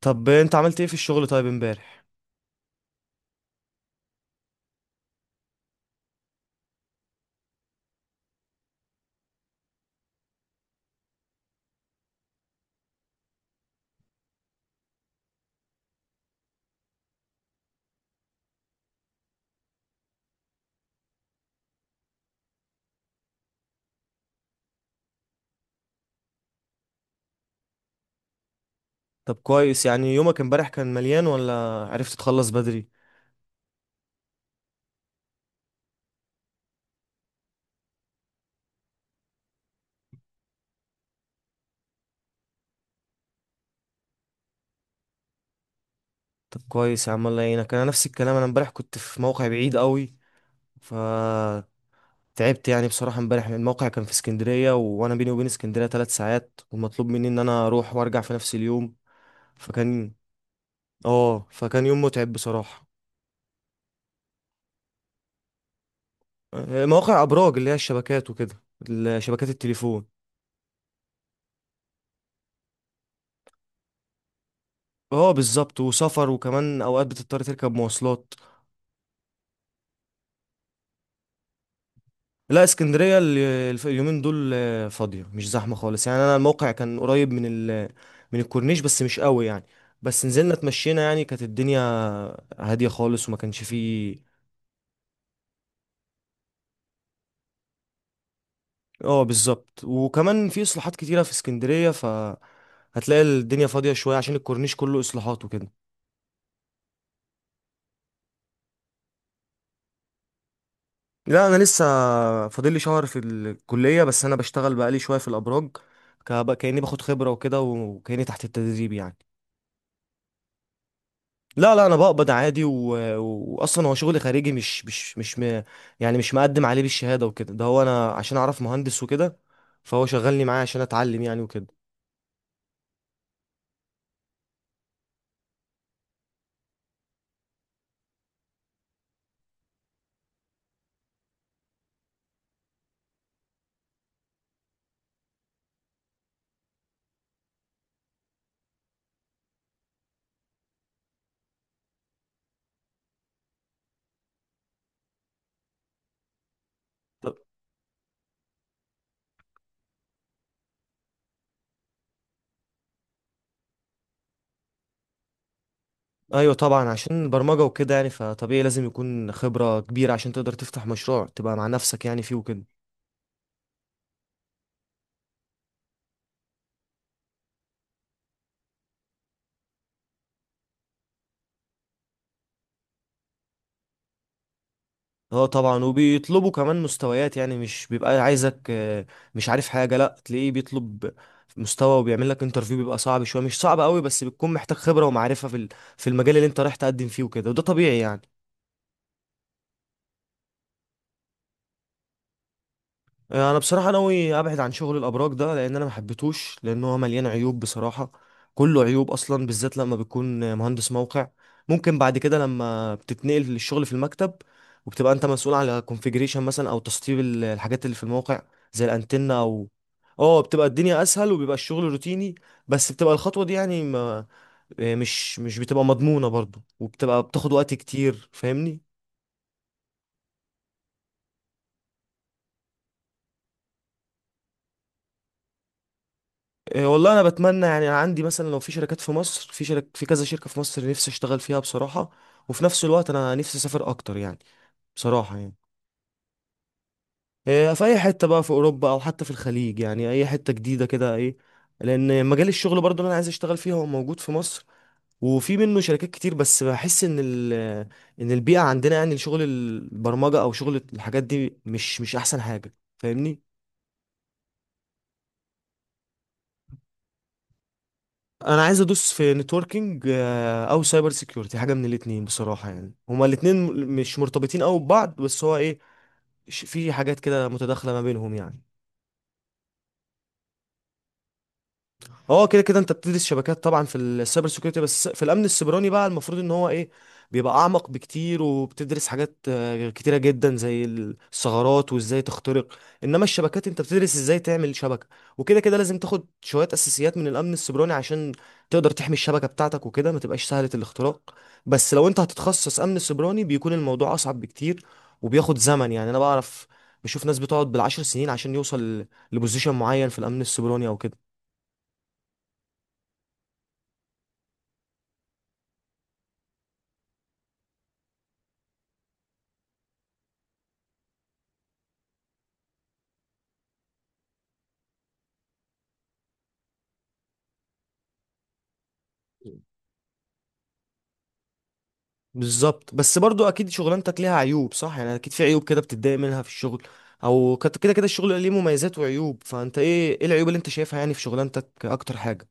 طب انت عملت ايه في الشغل طيب امبارح؟ طب كويس. يعني يومك امبارح كان مليان، ولا عرفت تخلص بدري؟ طب كويس يا عم، الله يعينك. انا نفس الكلام، انا امبارح كنت في موقع بعيد قوي، ف تعبت يعني. بصراحة امبارح الموقع كان في اسكندرية، وانا بيني وبين اسكندرية 3 ساعات، والمطلوب مني ان انا اروح وارجع في نفس اليوم. فكان اه فكان يوم متعب بصراحة. اه، مواقع ابراج اللي هي الشبكات وكده، شبكات التليفون. اه بالظبط، وسفر، وكمان اوقات بتضطر تركب مواصلات. لا، اسكندرية اليومين دول فاضية، مش زحمة خالص يعني. أنا الموقع كان قريب من ال من الكورنيش، بس مش قوي يعني. بس نزلنا اتمشينا يعني، كانت الدنيا هادية خالص وما كانش فيه. اه بالظبط، وكمان في إصلاحات كتيرة في اسكندرية، فهتلاقي الدنيا فاضية شوية عشان الكورنيش كله إصلاحات وكده. لا، أنا لسه فاضلي شهر في الكلية، بس أنا بشتغل بقالي شوية في الأبراج، كأني باخد خبرة وكده، وكأني تحت التدريب يعني. لا لا، انا بقبض عادي، و... واصلا هو شغل خارجي، مش يعني مش مقدم عليه بالشهاده وكده، ده هو انا عشان اعرف مهندس وكده، فهو شغلني معاه عشان اتعلم يعني وكده. طب- ايوه طبعا، عشان البرمجه وكده يعني، فطبيعي لازم يكون خبره كبيره عشان تقدر تفتح مشروع تبقى مع نفسك يعني فيه وكده. اه طبعا، وبيطلبوا كمان مستويات، يعني مش بيبقى عايزك مش عارف حاجة، لا، تلاقيه بيطلب مستوى وبيعمل لك انترفيو، بيبقى صعب شوية، مش صعب قوي، بس بتكون محتاج خبرة ومعرفة في المجال اللي انت رايح تقدم فيه وكده، وده طبيعي يعني. انا بصراحه ناوي ابعد عن شغل الابراج ده، لان انا ما حبيتهوش، لان هو مليان عيوب بصراحه. كله عيوب اصلا، بالذات لما بتكون مهندس موقع. ممكن بعد كده لما بتتنقل للشغل في المكتب، وبتبقى انت مسؤول على كونفيجريشن مثلا، او تسطيب الحاجات اللي في الموقع، زي الانتنه او اه بتبقى الدنيا اسهل وبيبقى الشغل روتيني. بس بتبقى الخطوه دي يعني ما آه، مش مش بتبقى مضمونه برضو، وبتبقى بتاخد وقت كتير فاهمني. إيه والله، انا بتمنى يعني، أنا عندي مثلا لو في شركات في مصر، في كذا شركة في مصر نفسي اشتغل فيها بصراحة. وفي نفس الوقت انا نفسي اسافر اكتر يعني، بصراحة يعني. إيه، في اي حتة بقى في اوروبا، او حتى في الخليج يعني، اي حتة جديدة كده ايه. لان مجال الشغل برضو اللي انا عايز اشتغل فيه هو موجود في مصر، وفي منه شركات كتير، بس بحس ان ال، ان البيئة عندنا يعني شغل البرمجة او شغل الحاجات دي مش احسن حاجة فاهمني. انا عايز ادوس في نتوركينج، او سايبر سيكيورتي، حاجه من الاتنين بصراحه. يعني هما الاتنين مش مرتبطين قوي ببعض، بس هو ايه، في حاجات كده متداخله ما بينهم يعني. هو كده كده انت بتدرس شبكات طبعا في السايبر سيكيورتي، بس في الامن السيبراني بقى المفروض ان هو ايه، بيبقى اعمق بكتير، وبتدرس حاجات كتيره جدا، زي الثغرات وازاي تخترق. انما الشبكات انت بتدرس ازاي تعمل شبكه، وكده كده لازم تاخد شويه اساسيات من الامن السيبراني عشان تقدر تحمي الشبكه بتاعتك وكده، ما تبقاش سهله الاختراق. بس لو انت هتتخصص امن سيبراني، بيكون الموضوع اصعب بكتير، وبياخد زمن يعني. انا بعرف، بشوف ناس بتقعد بالعشر سنين عشان يوصل لبوزيشن معين في الامن السيبراني او كده. بالظبط، بس برضو اكيد شغلانتك ليها عيوب، صح؟ يعني اكيد في عيوب كده بتتضايق منها في الشغل، كده كده الشغل ليه مميزات وعيوب. فانت ايه، ايه العيوب اللي انت شايفها يعني في شغلانتك اكتر حاجة؟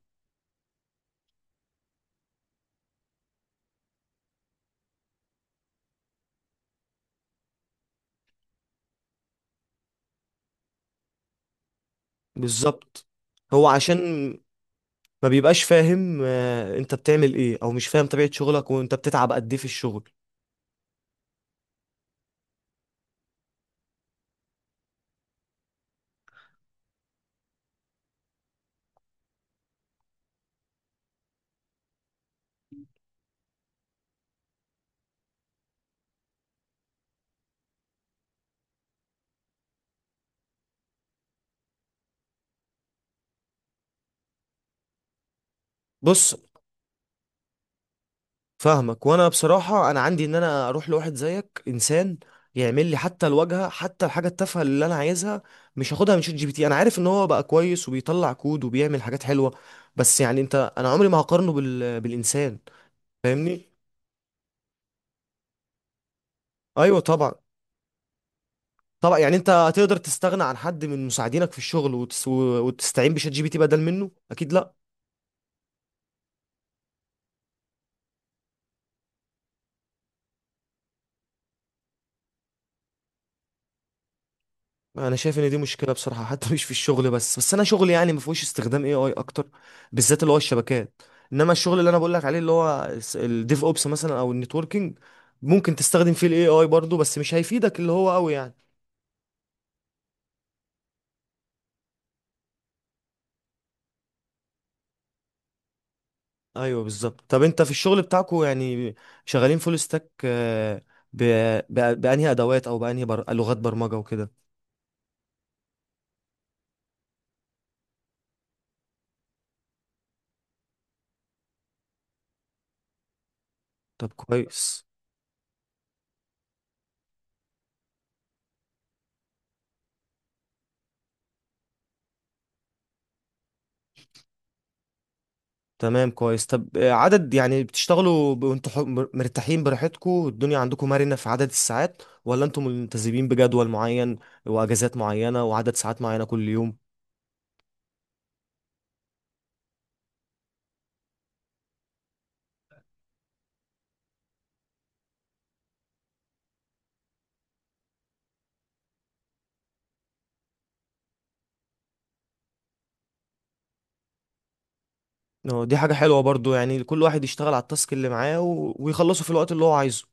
بالظبط. هو عشان ما بيبقاش فاهم انت بتعمل ايه، او مش فاهم طبيعة شغلك، وانت بتتعب قد ايه في الشغل. بص، فاهمك. وانا بصراحه انا عندي ان انا اروح لواحد زيك انسان يعمل لي حتى الواجهه، حتى الحاجه التافهه اللي انا عايزها، مش هاخدها من شات جي بي تي. انا عارف ان هو بقى كويس وبيطلع كود وبيعمل حاجات حلوه، بس يعني انت، انا عمري ما هقارنه بالانسان فاهمني. ايوه طبعا. طبعا يعني انت هتقدر تستغنى عن حد من مساعدينك في الشغل وتستعين بشات جي بي تي بدل منه؟ اكيد لا. انا شايف ان دي مشكله بصراحه، حتى مش في الشغل بس، بس انا شغلي يعني ما فيهوش استخدام اي اي اكتر، بالذات اللي هو الشبكات. انما الشغل اللي انا بقول لك عليه اللي هو الديف اوبس مثلا، او النتوركينج، ممكن تستخدم فيه الاي اي برضه، بس مش هيفيدك اللي هو قوي يعني. ايوه بالظبط. طب انت في الشغل بتاعكو يعني شغالين فول ستاك بانهي ادوات، او لغات برمجه وكده؟ طب كويس. تمام، كويس. طب عدد يعني بتشتغلوا وانتوا مرتاحين براحتكم، والدنيا عندكم مرنة في عدد الساعات، ولا انتوا ملتزمين بجدول معين واجازات معينة وعدد ساعات معينة كل يوم؟ دي حاجة حلوة برضو، يعني كل واحد يشتغل على التاسك اللي معاه و- ويخلصه في الوقت اللي هو عايزه.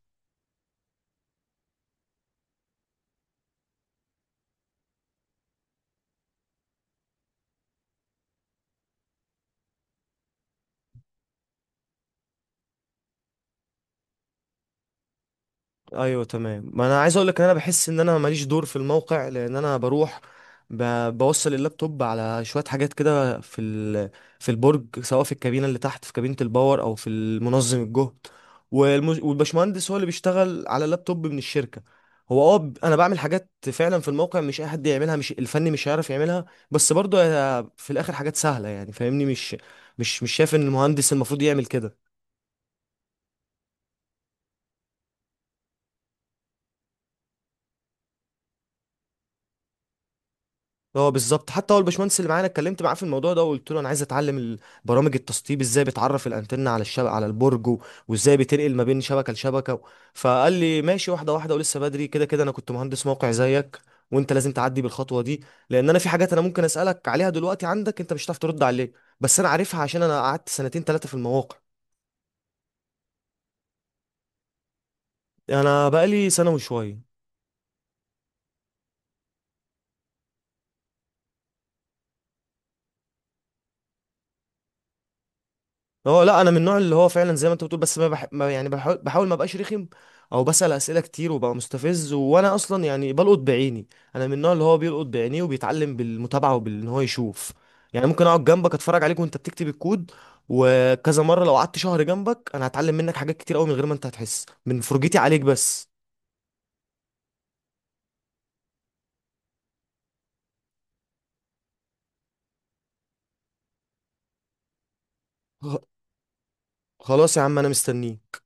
ايوه تمام. ما انا عايز اقول لك ان انا بحس ان انا ماليش دور في الموقع، لان انا بروح ب... بوصل اللابتوب على شويه حاجات كده في البرج، سواء في الكابينه اللي تحت، في كابينه الباور، او في المنظم الجهد. والبشمهندس هو اللي بيشتغل على اللابتوب من الشركه. هو اه انا بعمل حاجات فعلا في الموقع، مش اي حد يعملها، مش الفني مش هيعرف يعملها، بس برضه هي في الاخر حاجات سهله يعني فاهمني، مش شايف ان المهندس المفروض يعمل كده. اه بالظبط. حتى هو الباشمهندس اللي معانا اتكلمت معاه في الموضوع ده، وقلت له انا عايز اتعلم برامج التسطيب، ازاي بتعرف الانتنه على الشبكه على البرج، و- وازاي بتنقل ما بين شبكه لشبكه. فقال لي ماشي، واحده واحده، ولسه بدري، كده كده انا كنت مهندس موقع زيك، وانت لازم تعدي بالخطوه دي. لان انا في حاجات انا ممكن اسالك عليها دلوقتي عندك، انت مش هتعرف ترد عليها، بس انا عارفها عشان انا قعدت سنتين ثلاثه في المواقع. انا بقالي سنه وشويه. هو لا، انا من النوع اللي هو فعلا زي ما انت بتقول، بس ما يعني بحاول، بحاول ما ابقاش رخم، او بسأل اسئله كتير وبقى مستفز. وانا اصلا يعني بلقط بعيني. انا من النوع اللي هو بيلقط بعينيه وبيتعلم بالمتابعه وبان هو يشوف. يعني ممكن اقعد جنبك اتفرج عليك وانت بتكتب الكود، وكذا مره، لو قعدت شهر جنبك انا هتعلم منك حاجات كتير قوي من غير ما انت هتحس من فرجتي عليك بس. خ- خلاص يا عم، انا مستنيه.